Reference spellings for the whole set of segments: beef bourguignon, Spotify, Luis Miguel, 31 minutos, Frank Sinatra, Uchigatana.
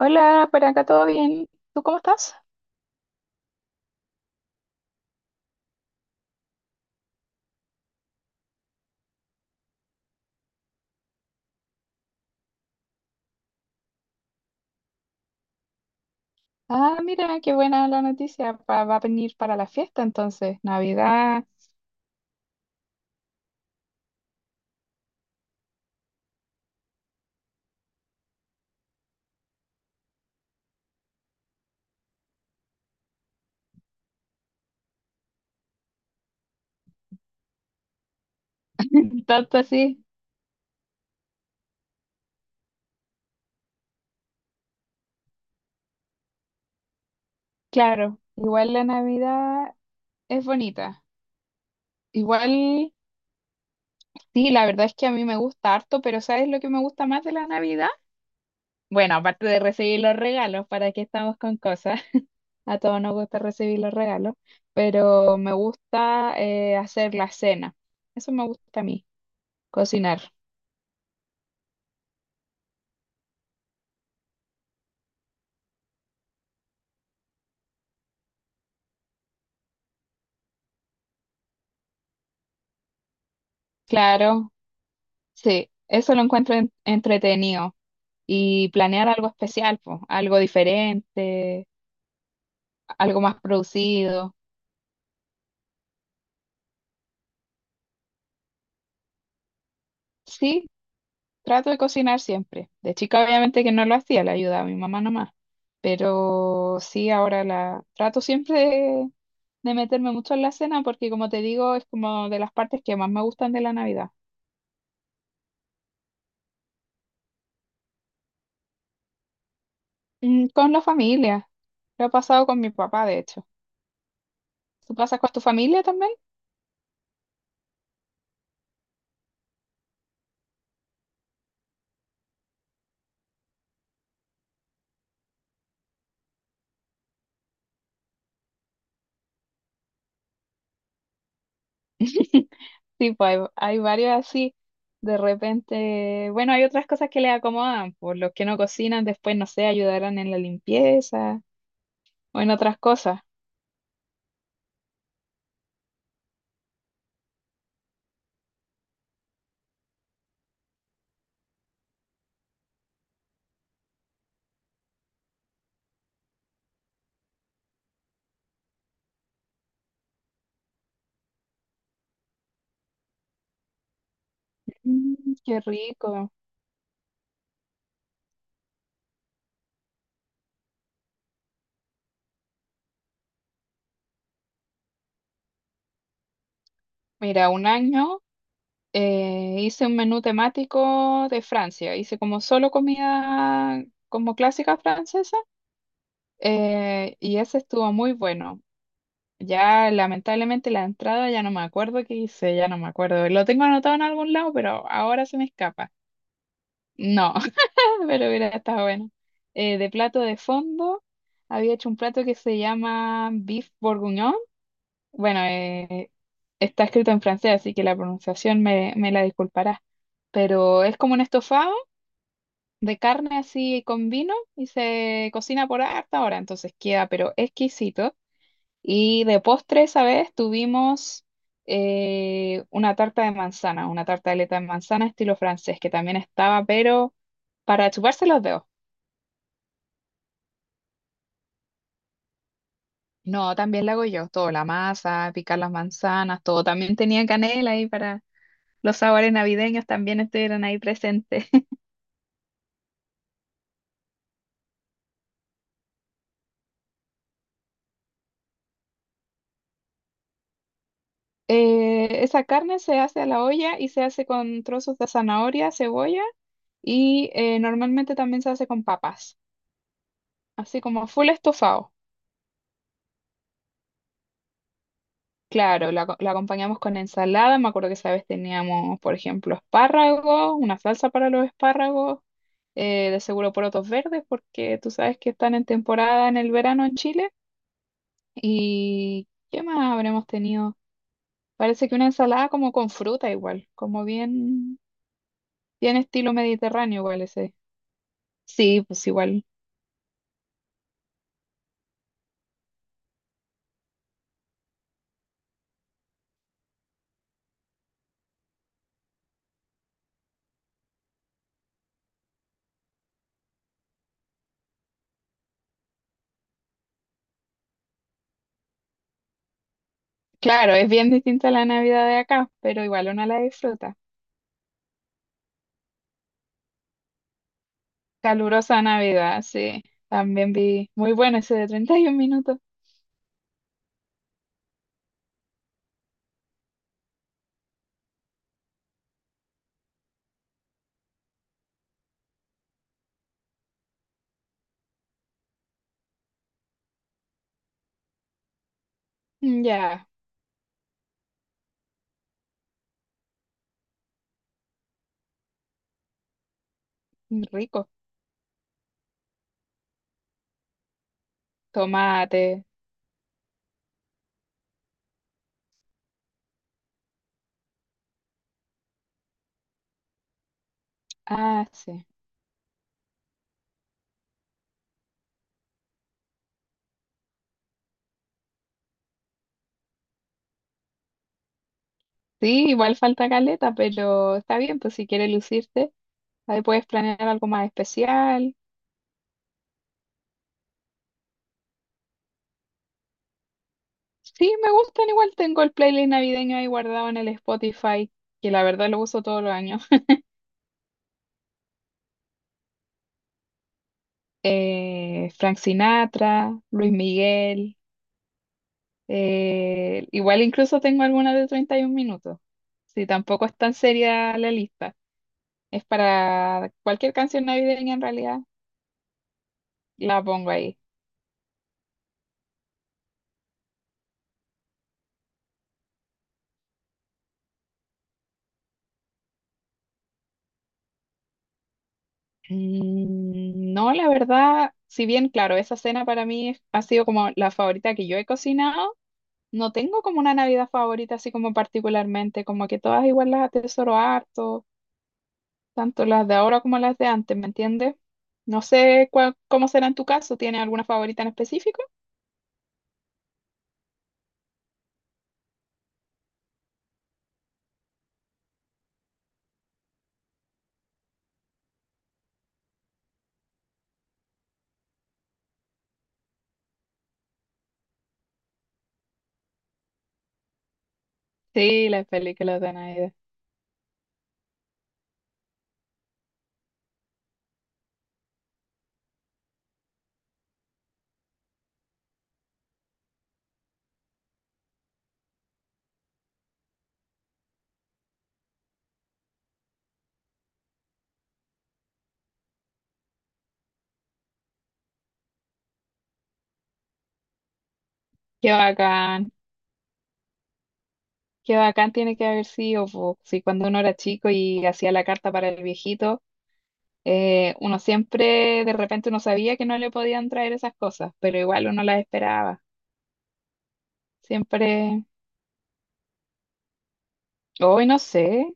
Hola, por acá todo bien. ¿Tú cómo estás? Ah, mira, qué buena la noticia. Va a venir para la fiesta entonces. Navidad, tanto así. Claro, igual la Navidad es bonita. Igual, sí, la verdad es que a mí me gusta harto, pero ¿sabes lo que me gusta más de la Navidad? Bueno, aparte de recibir los regalos, ¿para qué estamos con cosas? A todos nos gusta recibir los regalos, pero me gusta hacer la cena. Eso me gusta a mí, cocinar. Claro. Sí, eso lo encuentro entretenido. Y planear algo especial, pues, algo diferente, algo más producido. Sí, trato de cocinar siempre. De chica obviamente que no lo hacía, le ayudaba a mi mamá nomás. Pero sí, ahora la trato siempre de meterme mucho en la cena porque como te digo, es como de las partes que más me gustan de la Navidad. Mm, con la familia. Lo he pasado con mi papá, de hecho. ¿Tú pasas con tu familia también? Sí, pues hay varios así. De repente, bueno, hay otras cosas que les acomodan, por los que no cocinan, después, no sé, ayudarán en la limpieza o en otras cosas. Mm, qué rico. Mira, un año hice un menú temático de Francia. Hice como solo comida como clásica francesa y ese estuvo muy bueno. Ya lamentablemente la entrada ya no me acuerdo qué hice, ya no me acuerdo. Lo tengo anotado en algún lado, pero ahora se me escapa. No. Pero hubiera estado bueno. De plato de fondo, había hecho un plato que se llama beef bourguignon. Bueno, está escrito en francés, así que la pronunciación me la disculpará. Pero es como un estofado de carne así con vino y se cocina por harta hora, entonces queda pero exquisito. Y de postre esa vez tuvimos una tarta de manzana, una tartaleta de manzana estilo francés, que también estaba pero para chuparse los dedos. No, también la hago yo, todo, la masa, picar las manzanas, todo. También tenía canela ahí para los sabores navideños, también estuvieron ahí presentes. Esa carne se hace a la olla y se hace con trozos de zanahoria, cebolla y normalmente también se hace con papas, así como full estofado. Claro, la acompañamos con ensalada, me acuerdo que esa vez teníamos, por ejemplo, espárragos, una salsa para los espárragos, de seguro porotos verdes, porque tú sabes que están en temporada en el verano en Chile. ¿Y qué más habremos tenido? Parece que una ensalada como con fruta igual, como bien estilo mediterráneo igual ese. Sí, pues igual. Claro, es bien distinta la Navidad de acá, pero igual uno la disfruta. Calurosa Navidad, sí. También vi muy bueno ese de treinta y un minutos. Mm. Ya, rico. Tomate. Ah, sí. Sí, igual falta caleta, pero está bien, pues si quieres lucirte, ahí puedes planear algo más especial. Sí, me gustan igual. Tengo el playlist navideño ahí guardado en el Spotify, que la verdad lo uso todos los años. Frank Sinatra, Luis Miguel. Igual incluso tengo algunas de 31 minutos. Sí, tampoco es tan seria la lista. Es para cualquier canción navideña en realidad, la pongo ahí. Mm. No, la verdad, si bien, claro, esa cena para mí ha sido como la favorita que yo he cocinado. No tengo como una Navidad favorita, así como particularmente, como que todas igual las atesoro harto, tanto las de ahora como las de antes, ¿me entiendes? No sé cuál, cómo será en tu caso, ¿tienes alguna favorita en específico? Sí, las películas de Navidad. Qué bacán, qué bacán tiene que haber sido, po. Sí, cuando uno era chico y hacía la carta para el viejito, uno siempre, de repente uno sabía que no le podían traer esas cosas, pero igual uno las esperaba. Siempre, hoy no sé,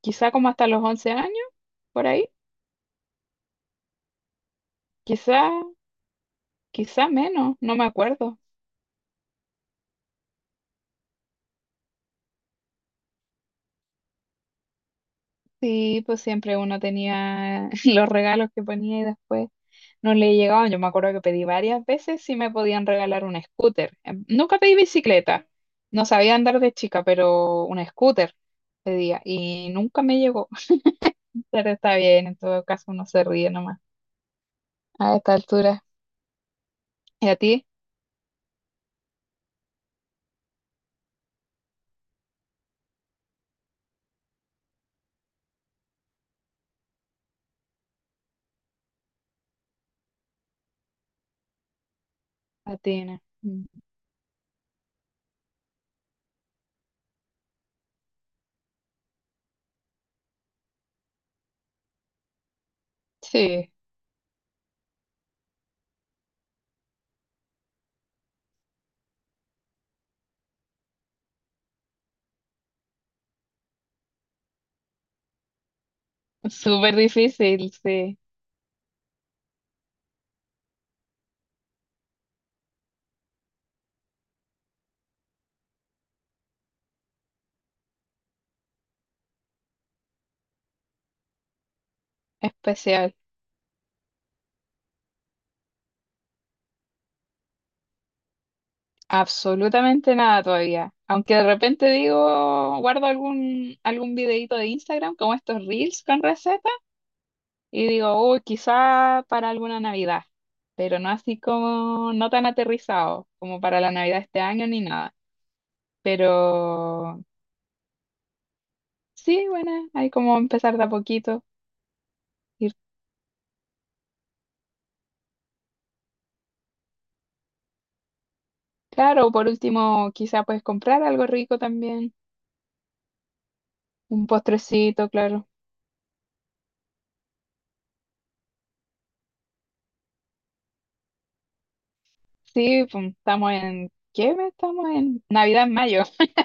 quizá como hasta los 11 años, por ahí. Quizá, quizá menos, no me acuerdo. Sí, pues siempre uno tenía los regalos que ponía y después no le llegaban. Yo me acuerdo que pedí varias veces si me podían regalar un scooter. Nunca pedí bicicleta, no sabía andar de chica, pero un scooter pedía y nunca me llegó. Pero está bien, en todo caso uno se ríe nomás a esta altura. ¿Y a ti? A ti, no. Mm. Sí, súper difícil, sí, especial. Absolutamente nada todavía. Aunque de repente digo, guardo algún videito de Instagram, como estos reels con recetas, y digo, uy, quizá para alguna Navidad, pero no así como, no tan aterrizado como para la Navidad este año ni nada. Pero sí, bueno, hay como empezar de a poquito. Ir, claro, por último, quizá puedes comprar algo rico también, un postrecito, claro. Sí, pum, estamos en, ¿qué mes estamos en? Navidad en mayo,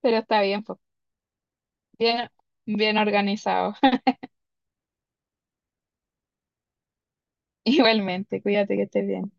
pero está bien, pues. Bien, bien organizado. Igualmente, cuídate que estés bien.